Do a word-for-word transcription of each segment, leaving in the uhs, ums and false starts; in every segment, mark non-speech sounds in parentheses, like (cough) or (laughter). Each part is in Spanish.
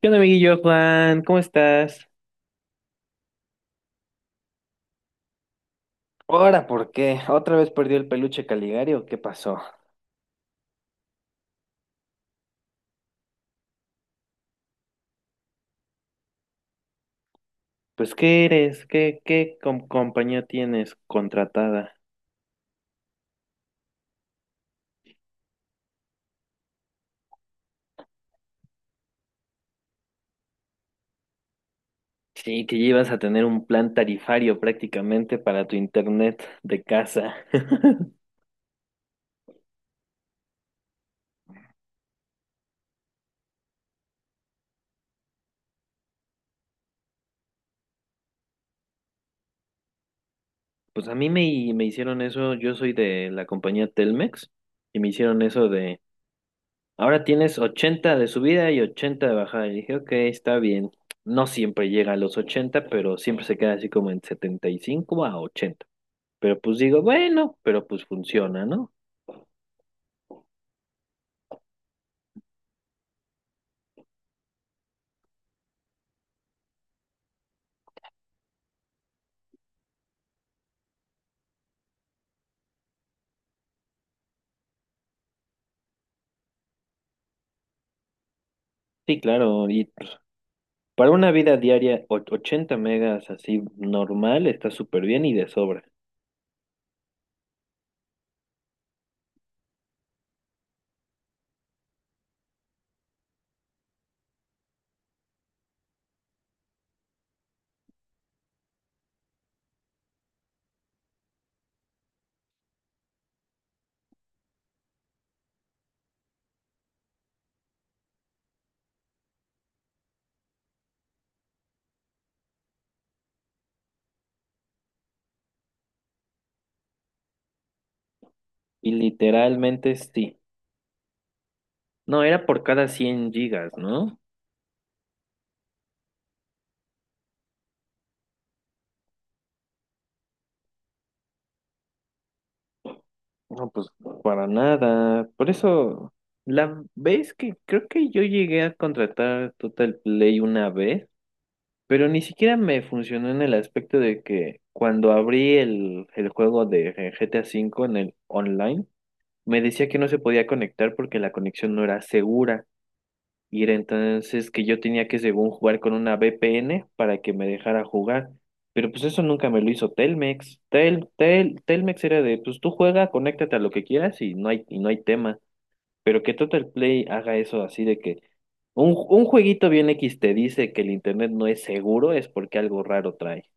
¿Qué onda, amiguillo Juan? ¿Cómo estás? Ahora, ¿por qué? ¿Otra vez perdió el peluche Caligari o qué pasó? Pues, ¿qué eres? ¿Qué, qué com- compañía tienes contratada? Sí, que llevas a tener un plan tarifario prácticamente para tu internet de casa. (laughs) Pues a mí me, me hicieron eso, yo soy de la compañía Telmex, y me hicieron eso. Ahora tienes ochenta de subida y ochenta de bajada. Y dije, ok, está bien. No siempre llega a los ochenta, pero siempre se queda así como en setenta y cinco a ochenta. Pero pues digo, bueno, pero pues funciona, ¿no? Sí, claro. Y pues, para una vida diaria, o- ochenta megas así normal está súper bien y de sobra. Y literalmente sí. No, era por cada cien gigas, ¿no? No, pues para nada. Por eso, la vez que creo que yo llegué a contratar Total Play una vez, pero ni siquiera me funcionó en el aspecto de que cuando abrí el, el juego de eh, G T A V en el online, me decía que no se podía conectar porque la conexión no era segura. Y era entonces que yo tenía que, según, jugar con una V P N para que me dejara jugar. Pero pues eso nunca me lo hizo Telmex. Tel, Tel, Telmex era de, pues tú juega, conéctate a lo que quieras y no hay, y no hay tema. Pero que Total Play haga eso así de que un, un jueguito bien X te dice que el internet no es seguro, es porque algo raro trae.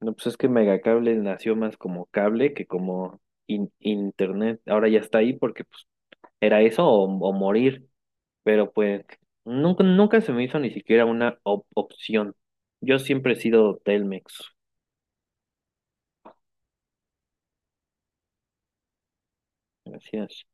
No, pues es que Megacable nació más como cable que como in- internet. Ahora ya está ahí porque pues era eso o o morir. Pero pues nunca, nunca se me hizo ni siquiera una op- opción. Yo siempre he sido Telmex, gracias.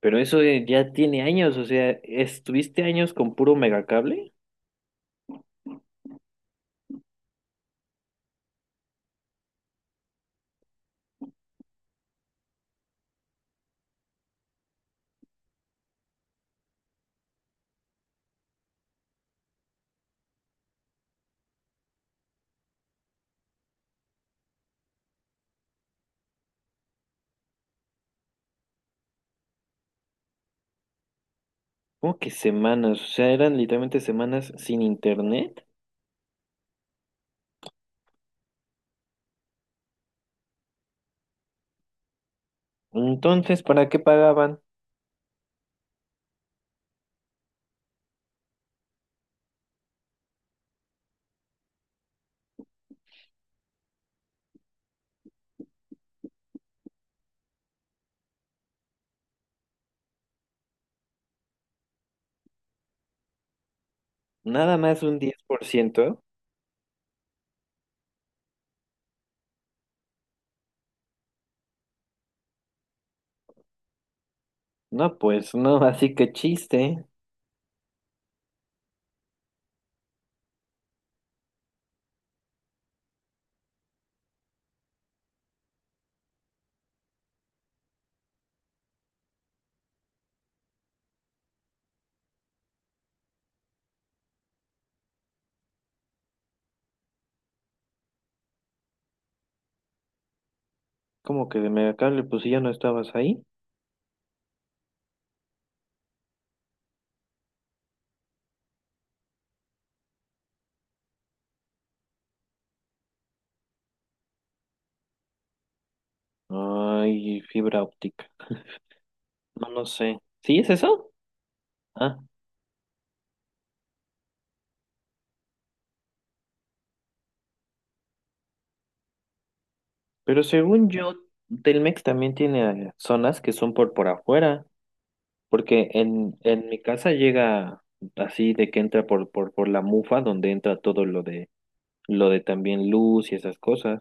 Pero eso eh, ya tiene años, o sea, estuviste años con puro megacable. Como que semanas, o sea, eran literalmente semanas sin internet. Entonces, ¿para qué pagaban? Nada más un diez por ciento. No, pues no, (laughs) así que chiste. Como que de megacable, pues si ya no estabas ahí. Ay, fibra óptica. No, no sé. ¿Sí es eso? Ah, pero según yo, Telmex también tiene zonas que son por, por afuera, porque en, en mi casa llega así de que entra por, por, por la mufa, donde entra todo lo de, lo de también luz y esas cosas.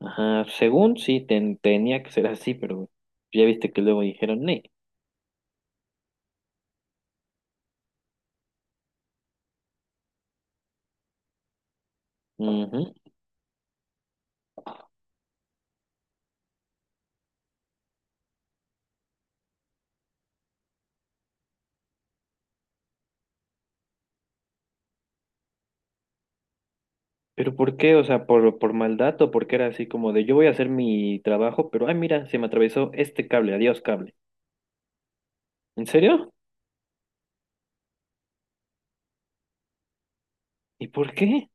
Ajá, según sí, ten- tenía que ser así, pero ya viste que luego dijeron, no. Ujú. Pero ¿por qué? O sea, por, por maldad o porque era así como de yo voy a hacer mi trabajo, pero ay, mira, se me atravesó este cable, adiós cable. ¿En serio? ¿Y por qué?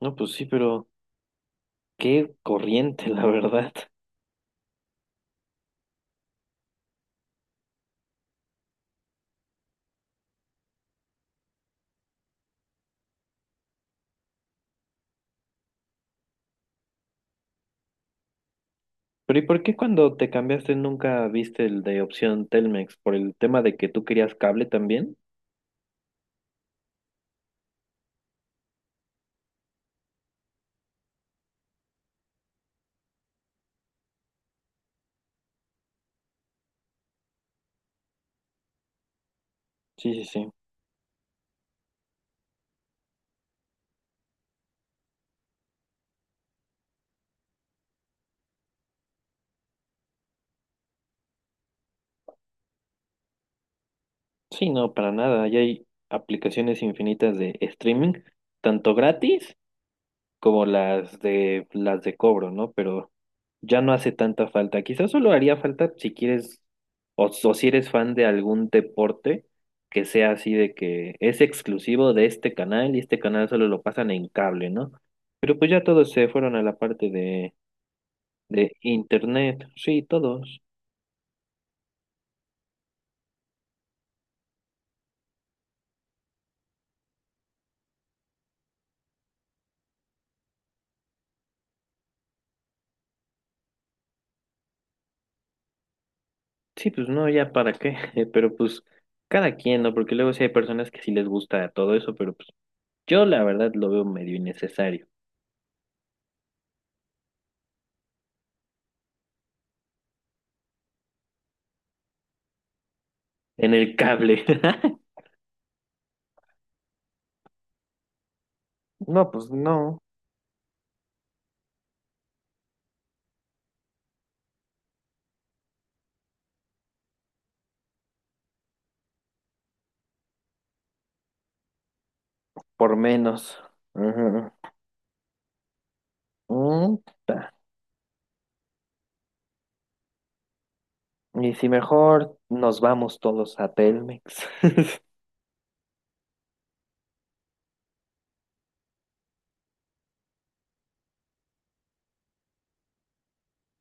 No, pues sí, pero... Qué corriente, la verdad. Pero ¿y por qué cuando te cambiaste nunca viste el de opción Telmex? ¿Por el tema de que tú querías cable también? Sí, sí, sí. Sí, no, para nada. Ya hay aplicaciones infinitas de streaming, tanto gratis como las de las de cobro, ¿no? Pero ya no hace tanta falta. Quizás solo haría falta si quieres o, o si eres fan de algún deporte que sea así de que es exclusivo de este canal y este canal solo lo pasan en cable, ¿no? Pero pues ya todos se fueron a la parte de, de internet. Sí, todos. Sí, pues no, ya para qué. (laughs) Pero pues cada quien, ¿no? Porque luego sí hay personas que sí les gusta todo eso, pero pues yo la verdad lo veo medio innecesario. En el cable. (laughs) No, pues no, por menos. Ujú. Mm, ta. Y si mejor nos vamos todos a Telmex. (laughs)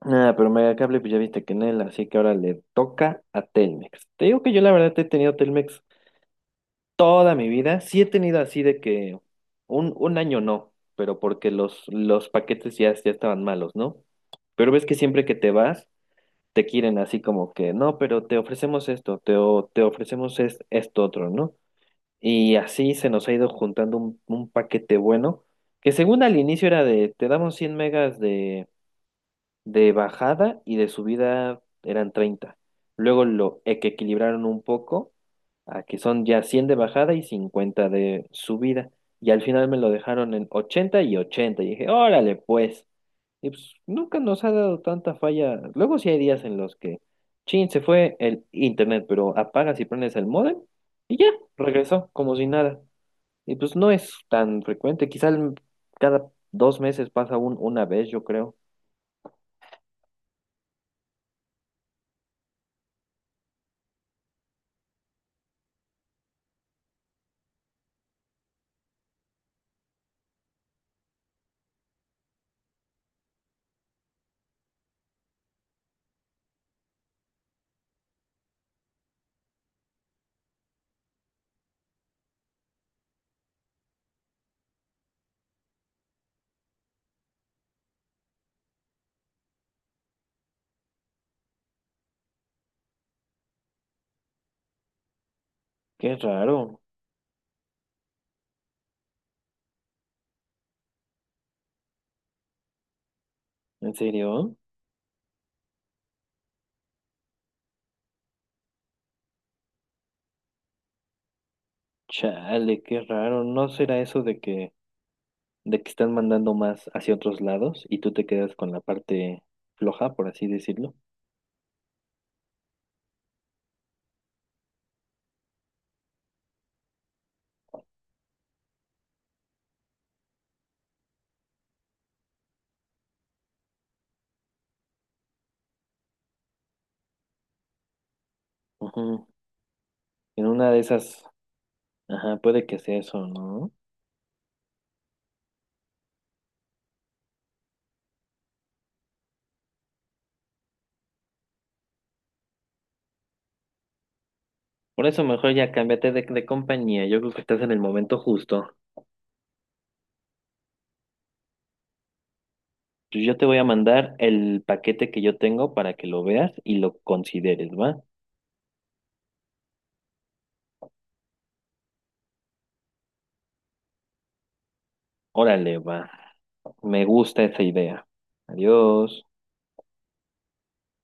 Nada, pero Megacable, pues ya viste que en él, así que ahora le toca a Telmex. Te digo que yo la verdad he tenido Telmex toda mi vida. Sí he tenido así de que un, un año no, pero porque los, los paquetes ya, ya estaban malos, ¿no? Pero ves que siempre que te vas, te quieren así como que, no, pero te ofrecemos esto, te, o- te ofrecemos es, esto otro, ¿no? Y así se nos ha ido juntando un, un paquete bueno, que según al inicio era de, te damos cien megas de, de bajada y de subida eran treinta. Luego lo e- que equilibraron un poco, a que son ya cien de bajada y cincuenta de subida. Y al final me lo dejaron en ochenta y ochenta. Y dije, órale pues. Y pues nunca nos ha dado tanta falla. Luego sí hay días en los que, chin, se fue el internet, pero apagas y prendes el módem y ya, regresó como si nada. Y pues no es tan frecuente, quizá el- cada dos meses pasa un, una vez, yo creo. Qué raro, ¿en serio? Chale, qué raro. ¿No será eso de que, de que están mandando más hacia otros lados y tú te quedas con la parte floja, por así decirlo? Ujú. En una de esas, ajá, puede que sea eso, ¿no? Por eso mejor ya cámbiate de, de compañía. Yo creo que estás en el momento justo. Pues yo te voy a mandar el paquete que yo tengo para que lo veas y lo consideres, ¿va? Órale, va. Me gusta esa idea. Adiós.